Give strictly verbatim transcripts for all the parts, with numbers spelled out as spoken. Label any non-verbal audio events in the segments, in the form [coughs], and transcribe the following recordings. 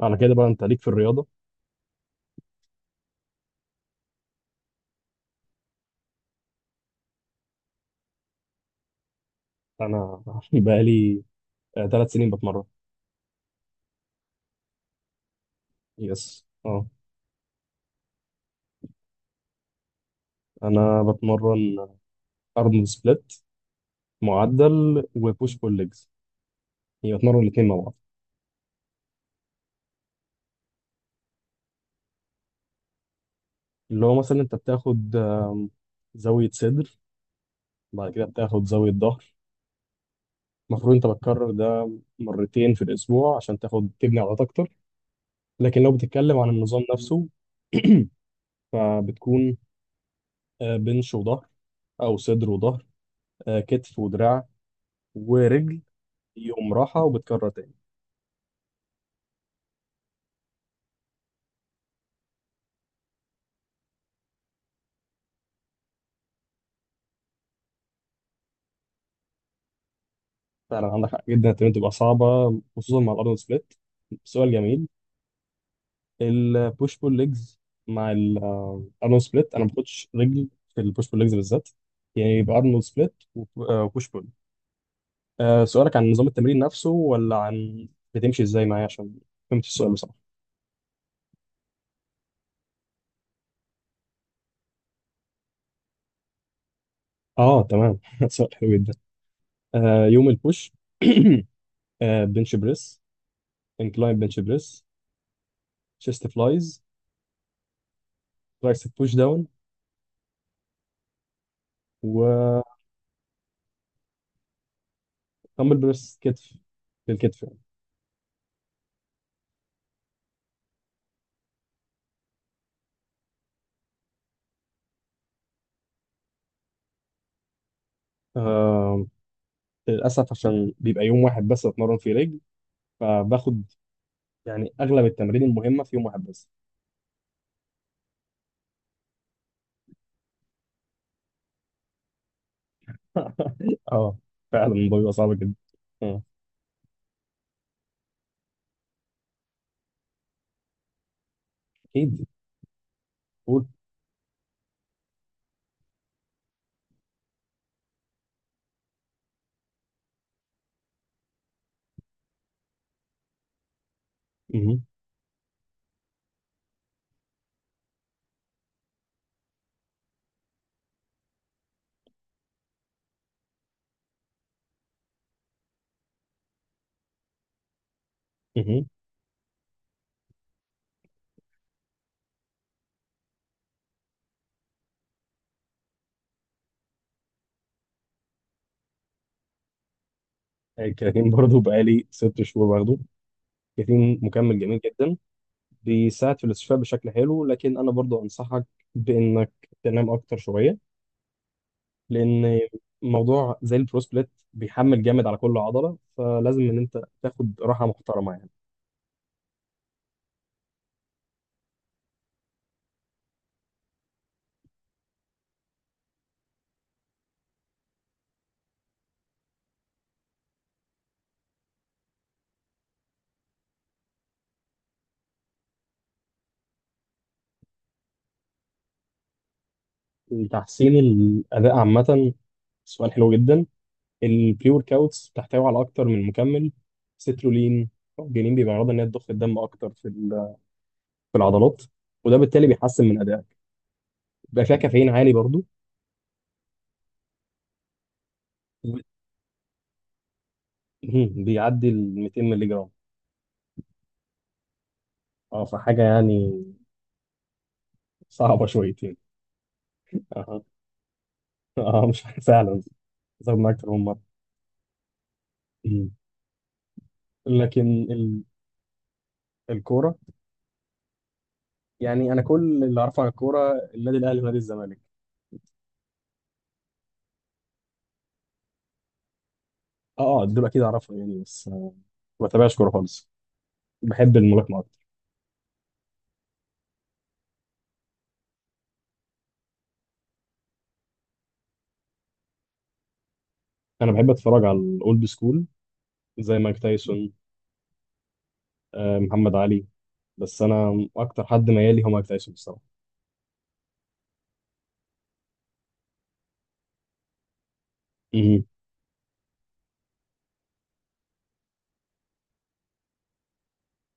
على كده بقى، انت ليك في الرياضه؟ انا [laughs] بقى لي ثلاث سنين بتمرن. يس، اه. انا بتمرن ارنولد سبليت معدل وبوش بول ليجز، يعني بتمرن الاثنين مع بعض. اللي هو مثلا انت بتاخد آم، زاويه صدر، بعد كده بتاخد زاويه ظهر. المفروض انت بتكرر ده مرتين في الاسبوع عشان تاخد تبني عضلات اكتر، لكن لو بتتكلم عن النظام نفسه فبتكون آه، بنش وظهر، او صدر وظهر، آه، كتف ودراع، ورجل. يوم راحه وبتكرر تاني. فعلا عندك حق، جدا التمرين تبقى صعبة، خصوصا مع الأرنولد سبليت. سؤال جميل. البوش بول ليجز مع الأرنولد سبليت، أنا ما باخدش رجل في البوش بول ليجز بالذات. يعني يبقى أرنولد سبليت وبوش بول. آه، سؤالك عن نظام التمرين نفسه ولا عن بتمشي إزاي معايا؟ عشان فهمت السؤال بصراحة. أه، تمام. [laughs] سؤال حلو جدا. آه، يوم البوش. [coughs] [clears throat] آه، بنش بريس، انكلاين بنش بريس، شيست فلايز، ترايسب بوش داون، وتمبل بريس كتف، للكتف. آه للأسف عشان بيبقى يوم واحد بس أتمرن فيه رجل، فباخد يعني أغلب التمارين المهمة في يوم واحد بس. [laughs] اه، فعلا الموضوع بيبقى صعب جدا. آه، أكيد. قول. مهم. مهم. الكرياتين برضه بقالي ست شهور باخده. كرياتين مكمل جميل جدا، بيساعد في الاستشفاء بشكل حلو، لكن أنا برضه أنصحك بإنك تنام أكتر شوية، لأن موضوع زي البروسبليت بيحمل جامد على كل عضلة، فلازم إن أنت تاخد راحة محترمة يعني. تحسين الأداء عامة، سؤال حلو جدا. البري ورك اوتس بتحتوي على أكتر من مكمل، سترولين أو جنين، بيبقى غرضها إن هي تضخ الدم أكتر في ال- في العضلات، وده بالتالي بيحسن من أدائك. بيبقى فيها كافيين عالي برضو. وب- مهم. بيعدي ال ميتين مللي جرام. أه، فحاجة يعني صعبة شويتين. أه، أه، مش [laughs] فعلا. زود معاك أكتر من مرة. مم. لكن ال... الكورة. يعني أنا كل اللي أعرفه عن الكورة النادي الأهلي ونادي الزمالك. اه، اه، دول اكيد اعرفهم يعني، بس آه، ما بتابعش كوره خالص. بحب الملاكمه اكتر. انا بحب اتفرج على الاولد سكول، زي مايك تايسون. آه محمد علي. بس انا اكتر حد ميالي هو مايك تايسون الصراحه. مهم.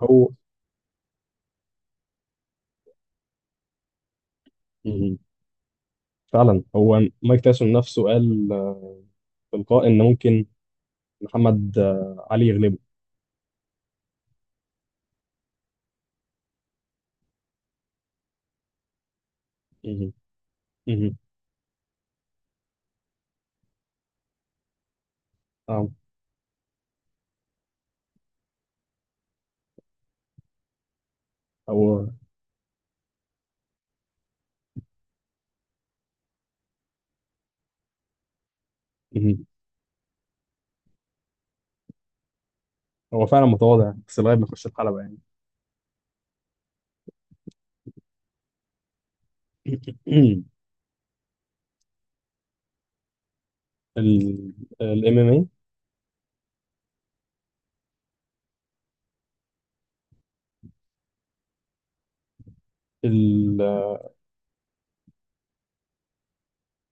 هو. مهم. فعلا هو مايك تايسون نفسه قال آه، في لقاء ان ممكن محمد آه، علي يغلبه. مهم. مهم. اه. هو. مهم. هو فعلا متواضع، بس لغايه ما يخش الحلبه يعني. [clears throat] الام ام ام اي.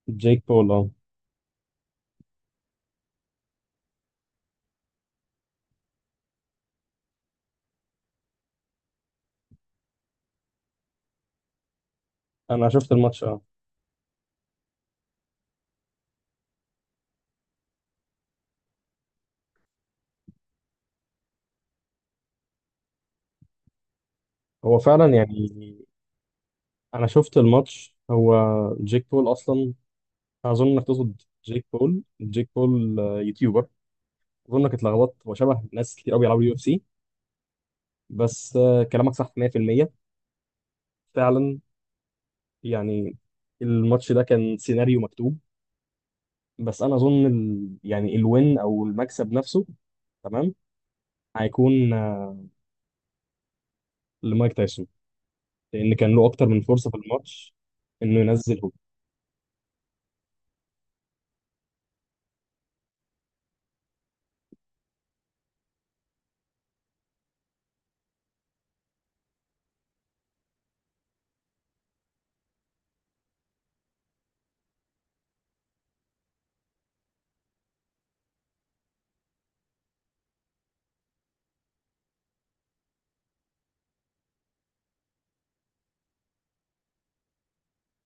جيك بول، اه. انا شفت الماتش آه. هو فعلا يعني انا شفت الماتش. هو جيك بول اصلا. اظن انك تقصد جيك بول، جيك بول آه، يوتيوبر. اظن انك اتلخبطت، هو شبه ناس كتير قوي بيلعبوا يو اف سي. بس آه، كلامك صح مئة في المئة. فعلا، يعني الماتش ده كان سيناريو مكتوب. بس انا اظن ال... يعني الوين او المكسب نفسه، تمام، هيكون آه، لمايك تايسون، لان كان له اكتر من فرصة في الماتش انه ينزل هو.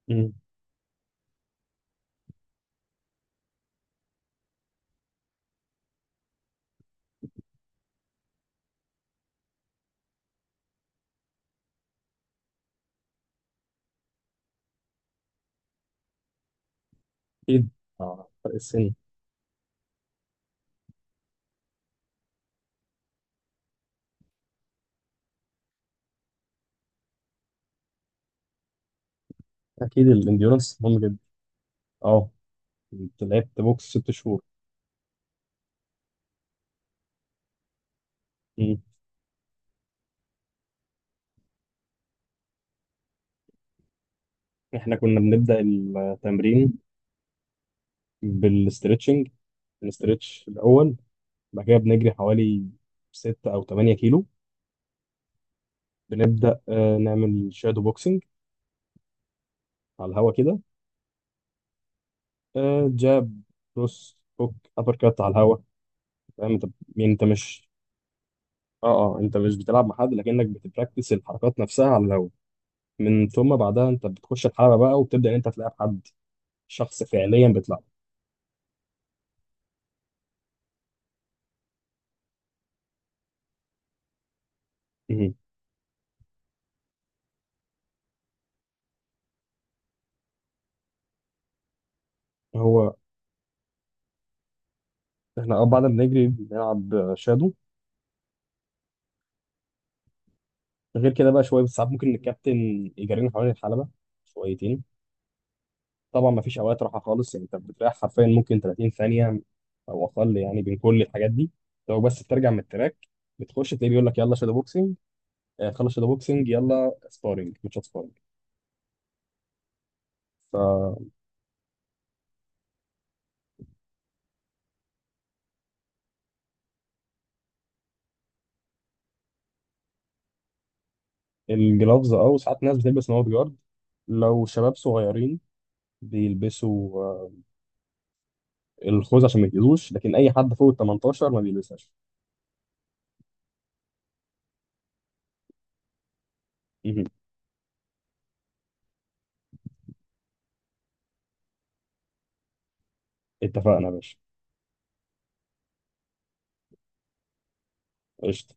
مم. اكيد. آه، فرق السن. اكيد الانديورنس مهم. اه، كنت لعبت بوكس ست شهور. مم. احنا كنا بنبدأ التمرين بالاسترتشنج، بنسترتش الأول. بعد كده بنجري حوالي ستة أو تمانية كيلو. بنبدأ آه، نعمل شادو بوكسنج على الهوا كده. آه، جاب، كروس، هوك، أبر كات على الهوا. فاهم انت؟ يعني انت مش، اه، اه، انت مش بتلعب مع حد، لكنك بتبراكتس الحركات نفسها على الهوا. من ثم بعدها انت بتخش الحلبة بقى، وبتبدأ ان انت تلعب حد، شخص فعليا بتلعب. مم. هو احنا اه بعد ما بنجري بنلعب شادو. غير كده بقى شويه بس، ساعات ممكن الكابتن يجرينا حوالين الحلبه شويتين. طبعا ما فيش اوقات راحه خالص، يعني انت بتريح حرفيا ممكن تلاتين ثانيه او اقل، يعني بين كل الحاجات دي. لو بس بترجع من التراك، بتخش تلاقيه بيقول لك يلا شادو بوكسنج. آه خلص شادو بوكسنج، يلا سبارنج، ماتشات سبارنج. فالجلافز، اه وساعات ناس بتلبس نوت جارد. لو شباب صغيرين بيلبسوا آه، الخوذه عشان ما يتاذوش، لكن اي حد فوق ال تمنتاشر ما بيلبسهاش. مهم. اتفقنا يا باشا. قشطة.